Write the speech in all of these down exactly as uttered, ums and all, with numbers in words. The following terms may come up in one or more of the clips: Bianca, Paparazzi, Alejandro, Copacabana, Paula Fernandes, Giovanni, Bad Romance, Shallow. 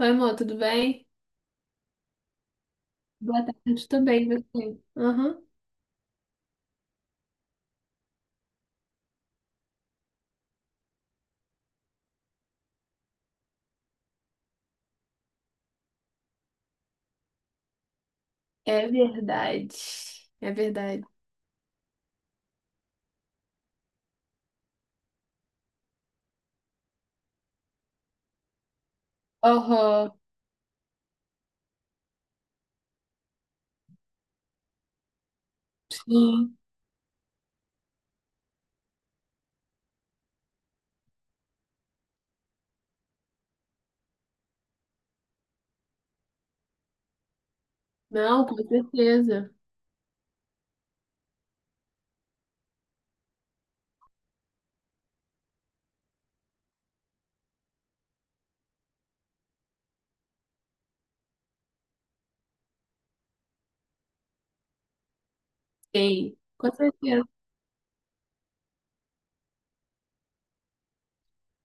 Oi, amor, tudo bem? Boa tarde também, você. Aham. É verdade. É verdade. Aham, sim. Não, com certeza. Sim, com certeza.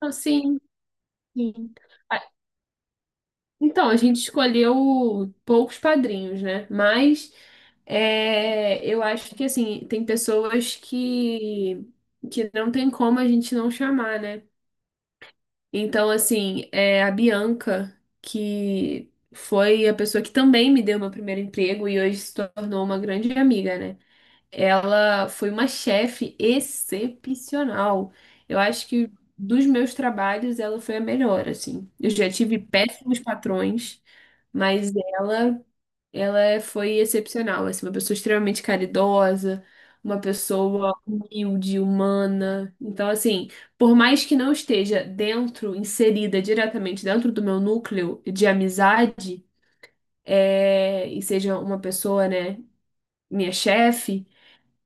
Não, sim, sim. Ah, então, a gente escolheu poucos padrinhos, né? Mas é, eu acho que, assim, tem pessoas que, que não tem como a gente não chamar, né? Então, assim, é a Bianca, que foi a pessoa que também me deu meu primeiro emprego e hoje se tornou uma grande amiga, né? Ela foi uma chefe excepcional. Eu acho que dos meus trabalhos, ela foi a melhor, assim. Eu já tive péssimos patrões, mas ela. Ela é- foi excepcional, assim, uma pessoa extremamente caridosa, uma pessoa humilde, humana. Então, assim, por mais que não esteja dentro, inserida diretamente dentro do meu núcleo de amizade, é, e seja uma pessoa, né, minha chefe,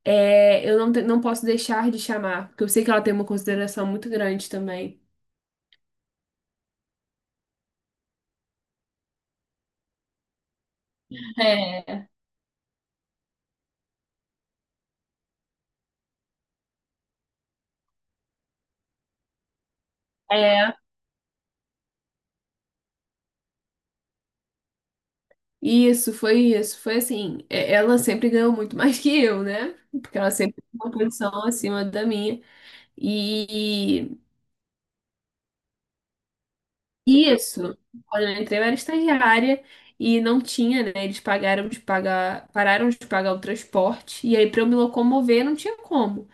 é, eu não, te- não posso deixar de chamar, porque eu sei que ela tem uma consideração muito grande também. É, é, isso, foi isso. Foi assim, é- ela sempre ganhou muito mais que eu, né? Porque ela sempre tinha uma posição acima da minha. E isso, quando eu entrei, eu era estagiária e não tinha, né? Eles pagaram de pagar, Pararam de pagar o transporte. E aí, para eu me locomover, não tinha como.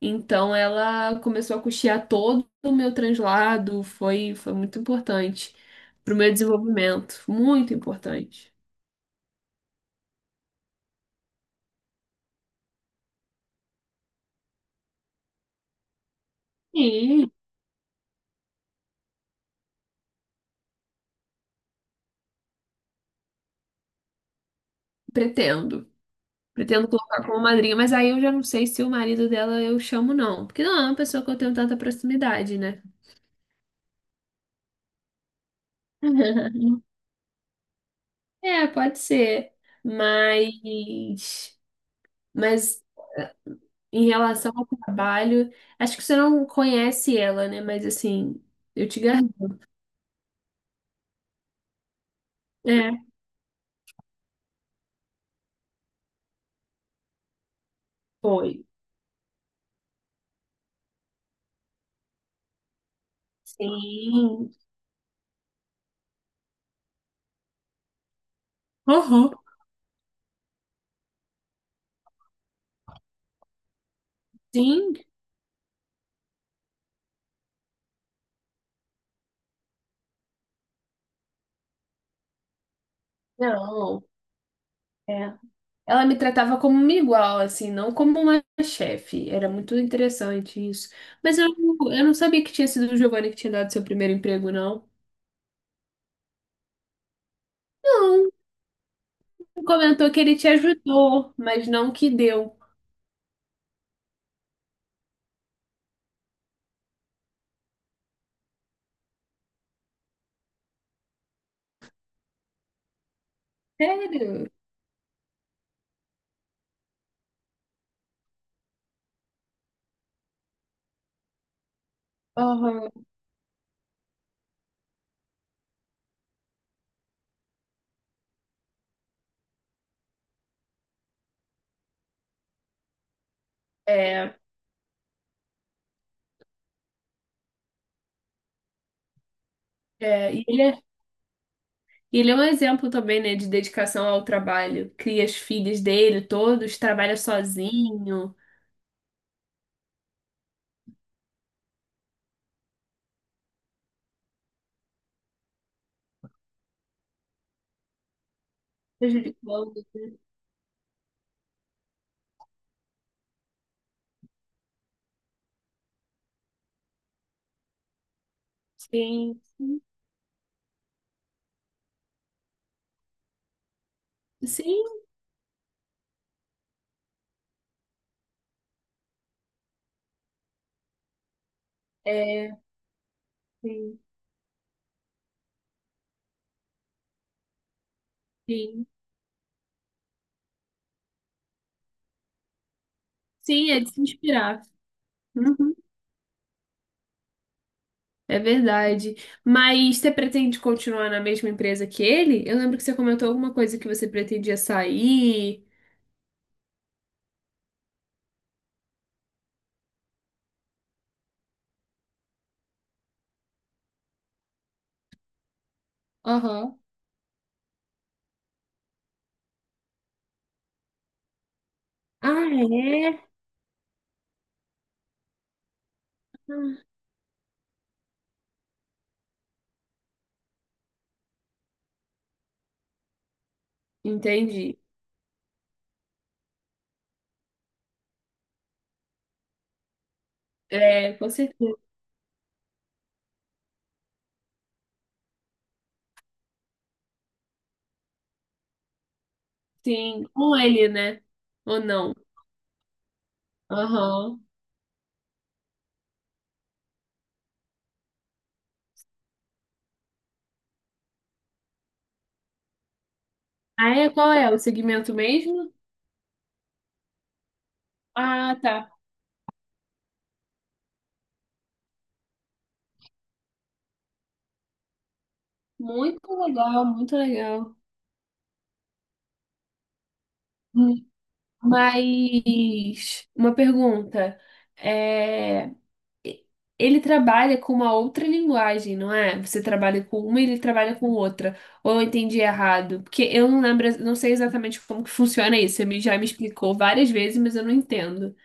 Então, ela começou a custear todo o meu translado. Foi, foi muito importante para o meu desenvolvimento. Muito importante. Sim, pretendo. Pretendo colocar como madrinha, mas aí eu já não sei se o marido dela eu chamo, não. Porque não é uma pessoa que eu tenho tanta proximidade, né? É, pode ser. Mas, mas em relação ao trabalho, acho que você não conhece ela, né? Mas assim, eu te garanto. É, foi. Sim. Uhum. Sim. Não. É. Ela me tratava como uma igual, assim, não como uma chefe. Era muito interessante isso. Mas eu, eu não sabia que tinha sido o Giovanni que tinha dado seu primeiro emprego, não. Não, comentou que ele te ajudou, mas não que deu. Sério? Aham. É, é, e ele é, e ele é um exemplo também, né, de dedicação ao trabalho. Cria as filhas dele, todos, trabalha sozinho, prejudicando. Sim, sim, sim, é, sim, sim. Sim, é de se inspirar. Uhum. É verdade. Mas você pretende continuar na mesma empresa que ele? Eu lembro que você comentou alguma coisa que você pretendia sair. Aham. Ah, é? Entendi. É, com certeza. Sim, com ele, né? Ou não? Aham. Ah, é? Qual é? O segmento mesmo? Ah, tá. Muito legal, muito legal. Hum, Mas uma pergunta. É, Ele trabalha com uma outra linguagem, não é? Você trabalha com uma e ele trabalha com outra. Ou eu entendi errado? Porque eu não lembro, não sei exatamente como que funciona isso. Você me- já me explicou várias vezes, mas eu não entendo.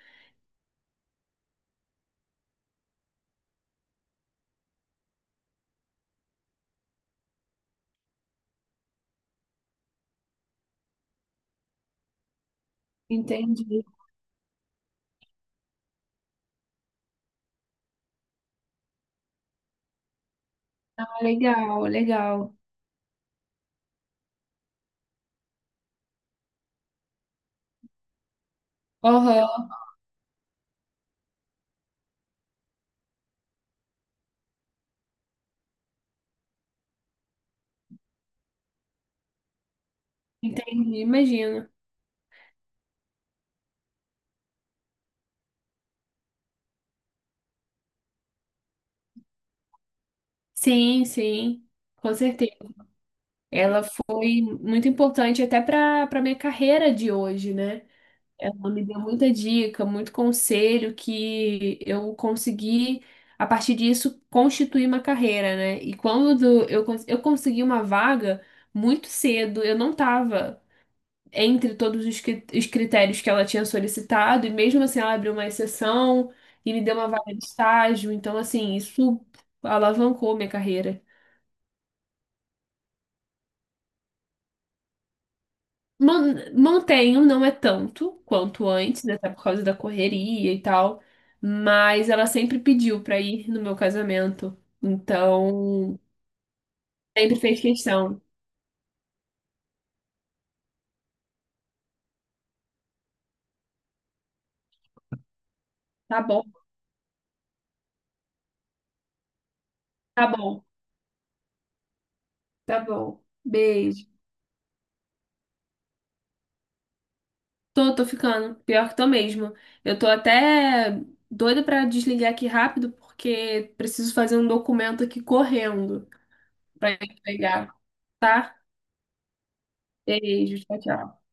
Entendi. Ah, legal, legal. Aham, entendi, imagino. Sim, sim, com certeza. Ela foi muito importante até para para minha carreira de hoje, né? Ela me deu muita dica, muito conselho que eu consegui, a partir disso, constituir uma carreira, né? E quando eu, cons- eu consegui uma vaga muito cedo, eu não estava entre todos os cri- os critérios que ela tinha solicitado, e mesmo assim ela abriu uma exceção e me deu uma vaga de estágio, então, assim, isso alavancou minha carreira. Mon- Montenho não é tanto quanto antes, né? Até por causa da correria e tal, mas ela sempre pediu pra ir no meu casamento. Então, sempre fez questão. Tá bom, tá bom, tá bom. Beijo. Tô, tô ficando. Pior que tô mesmo. Eu tô até doida pra desligar aqui rápido, porque preciso fazer um documento aqui correndo pra entregar, tá? Beijo, tchau, tchau.